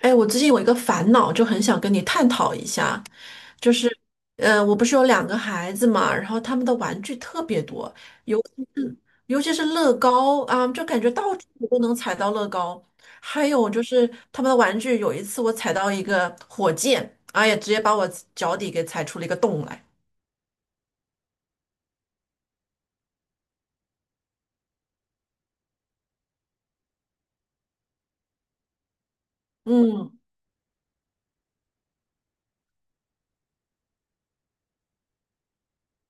哎，我最近有一个烦恼，就很想跟你探讨一下，就是，我不是有两个孩子嘛，然后他们的玩具特别多，尤其是尤其是乐高啊，就感觉到处都能踩到乐高。还有就是他们的玩具，有一次我踩到一个火箭，哎呀，直接把我脚底给踩出了一个洞来。嗯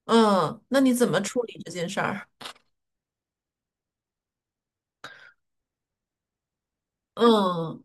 嗯，那你怎么处理这件事儿？嗯，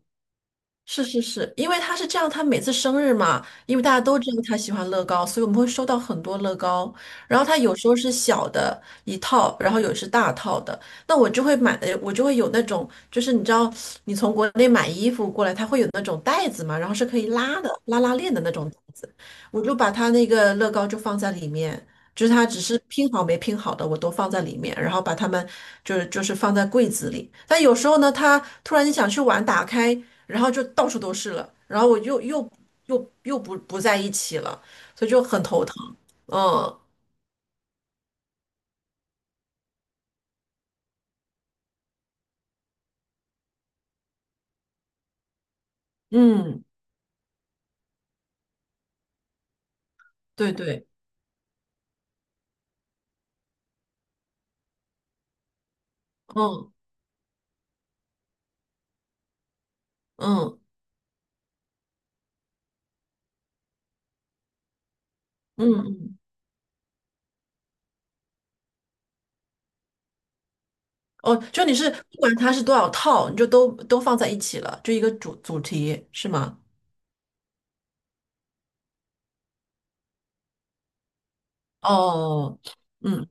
是是是，因为他是这样，他每次生日嘛，因为大家都知道他喜欢乐高，所以我们会收到很多乐高。然后他有时候是小的一套，然后有是大套的。那我就会买的，我就会有那种，就是你知道，你从国内买衣服过来，它会有那种袋子嘛，然后是可以拉的，拉拉链的那种袋子。我就把它那个乐高就放在里面，就是它只是拼好没拼好的，我都放在里面，然后把它们就是放在柜子里。但有时候呢，它突然你想去玩，打开，然后就到处都是了，然后我又又又又不在一起了，所以就很头疼。嗯嗯，对对，嗯嗯嗯嗯，哦，就你是不管它是多少套，你就都放在一起了，就一个主题是吗？哦，嗯，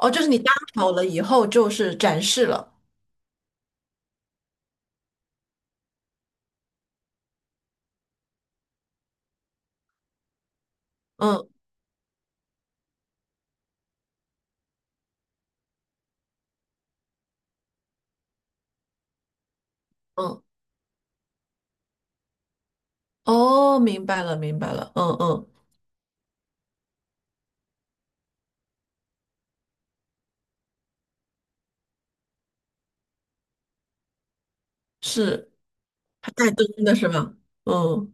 哦，就是你搭好了以后就是展示了，嗯。嗯，哦，明白了，明白了，嗯嗯。是，还带灯的是吗？嗯，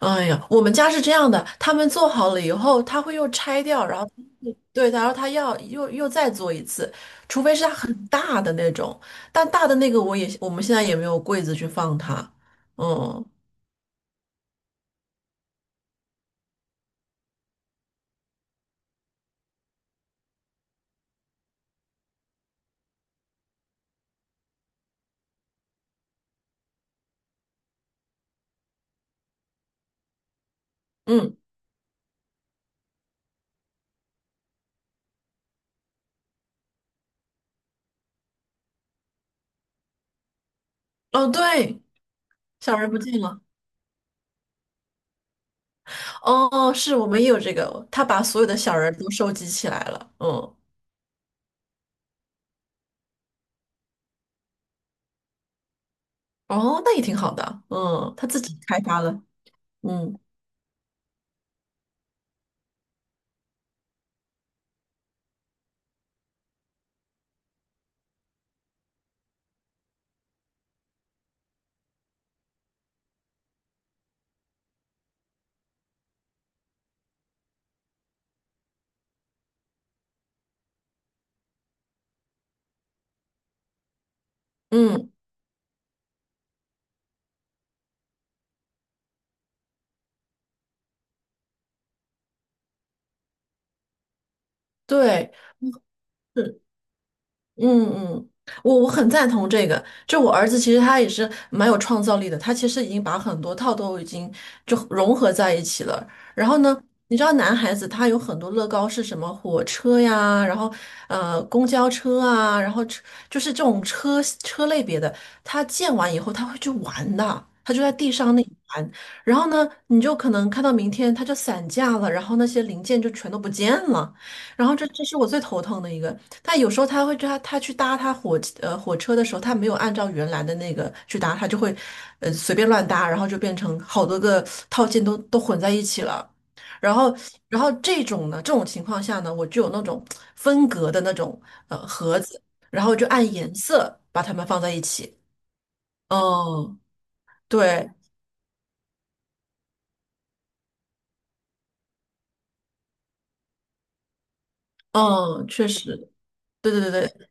哎呀，我们家是这样的，他们做好了以后，他会又拆掉，然后对，然后他要又再做一次，除非是它很大的那种，但大的那个我们现在也没有柜子去放它。嗯嗯，哦对，小人不见了。哦，是我们也有这个，他把所有的小人都收集起来了。嗯，哦，那也挺好的，嗯，他自己开发了。嗯嗯。对，是，嗯嗯，我很赞同这个。就我儿子其实他也是蛮有创造力的，他其实已经把很多套都已经就融合在一起了。然后呢，你知道男孩子他有很多乐高是什么火车呀，然后公交车啊，然后车就是这种车车类别的，他建完以后他会去玩的，他就在地上那里玩。然后呢，你就可能看到明天它就散架了，然后那些零件就全都不见了。然后这是我最头疼的一个。他有时候他去搭他火车的时候，他没有按照原来的那个去搭，他就会随便乱搭，然后就变成好多个套件都混在一起了。然后然后这种呢，这种情况下呢，我就有那种分隔的那种盒子，然后就按颜色把它们放在一起。嗯，对，嗯，确实，对对对对。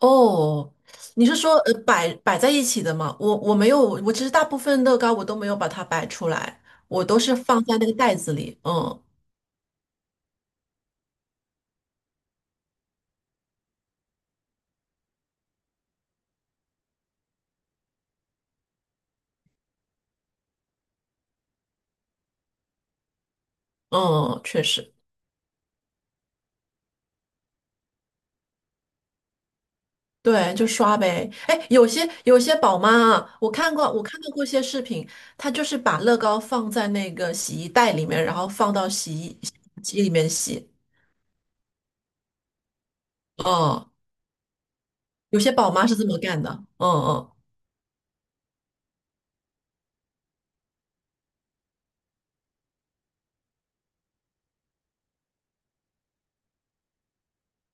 哦，你是说摆在一起的吗？我没有，我其实大部分乐高我都没有把它摆出来，我都是放在那个袋子里。嗯嗯，确实，对，就刷呗。哎，有些宝妈啊，我看到过一些视频，她就是把乐高放在那个洗衣袋里面，然后放到洗衣机里面洗。嗯，有些宝妈是这么干的。嗯嗯，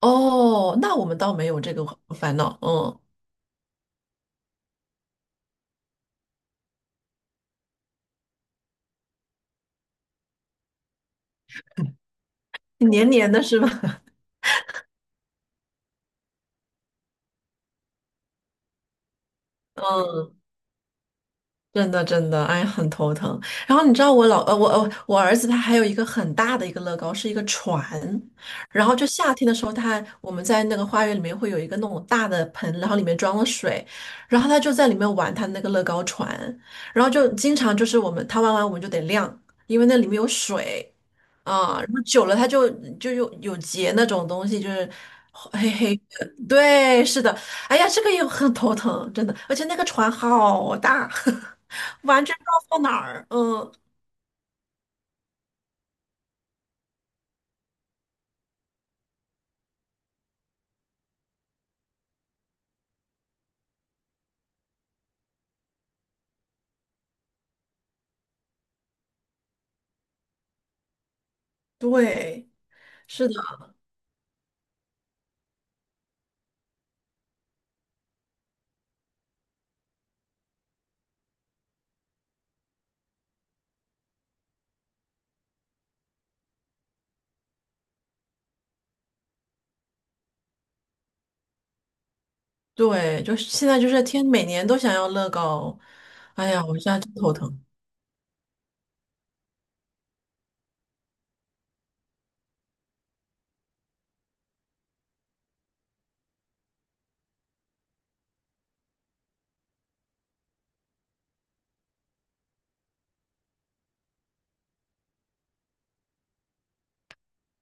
哦，那我们倒没有这个烦恼。嗯，黏黏的是吧？嗯。真的真的，哎，很头疼。然后你知道我老呃，我呃我儿子他还有一个很大的一个乐高，是一个船。然后就夏天的时候他，我们在那个花园里面会有一个那种大的盆，然后里面装了水，然后他就在里面玩他那个乐高船，然后就经常就是我们他玩完我们就得晾，因为那里面有水。啊，然后久了它就就有结那种东西，就是黑黑的。对，是的。哎呀，这个也很头疼，真的。而且那个船好大，完全不知道放哪儿。嗯，对，是的，对，就是现在就是天每年都想要乐高。哎呀，我现在真头疼。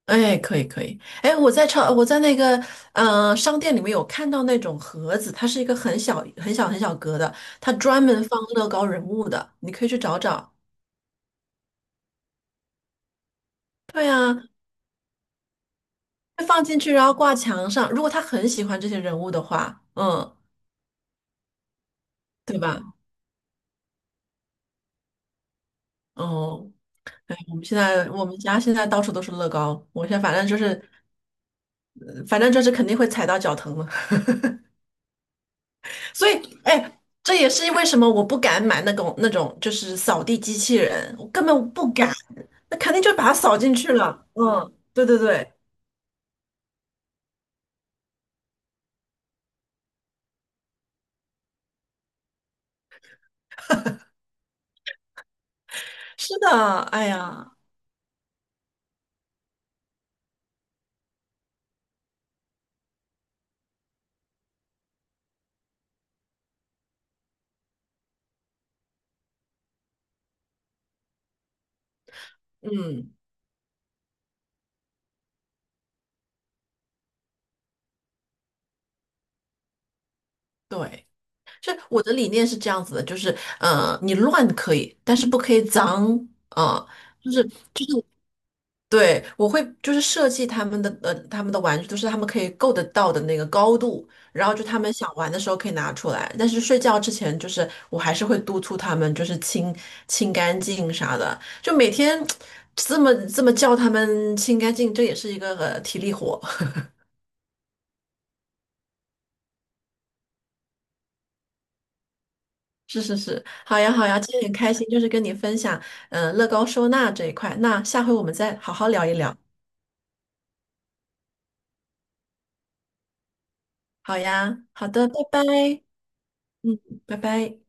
哎，可以可以。哎，我在那个商店里面有看到那种盒子，它是一个很小很小很小格的，它专门放乐高人物的，你可以去找找。对啊，会放进去，然后挂墙上。如果他很喜欢这些人物的话，嗯，对吧？哦，哎，我们现在我们家现在到处都是乐高，我现在反正就是，反正就是肯定会踩到脚疼了。所以，哎，这也是为什么我不敢买那种那种就是扫地机器人，我根本不敢，那肯定就把它扫进去了。嗯，对对对，是的，哎呀，嗯，对。是我的理念是这样子的，就是，呃，你乱可以，但是不可以脏，啊，就是对，我会就是设计他们的他们的玩具，都是他们可以够得到的那个高度，然后就他们想玩的时候可以拿出来，但是睡觉之前就是我还是会督促他们就是清干净啥的，就每天这么叫他们清干净，这也是一个、体力活。是是是，好呀好呀，今天很开心，就是跟你分享，嗯、乐高收纳这一块。那下回我们再好好聊一聊。好呀，好的，拜拜，嗯，拜拜。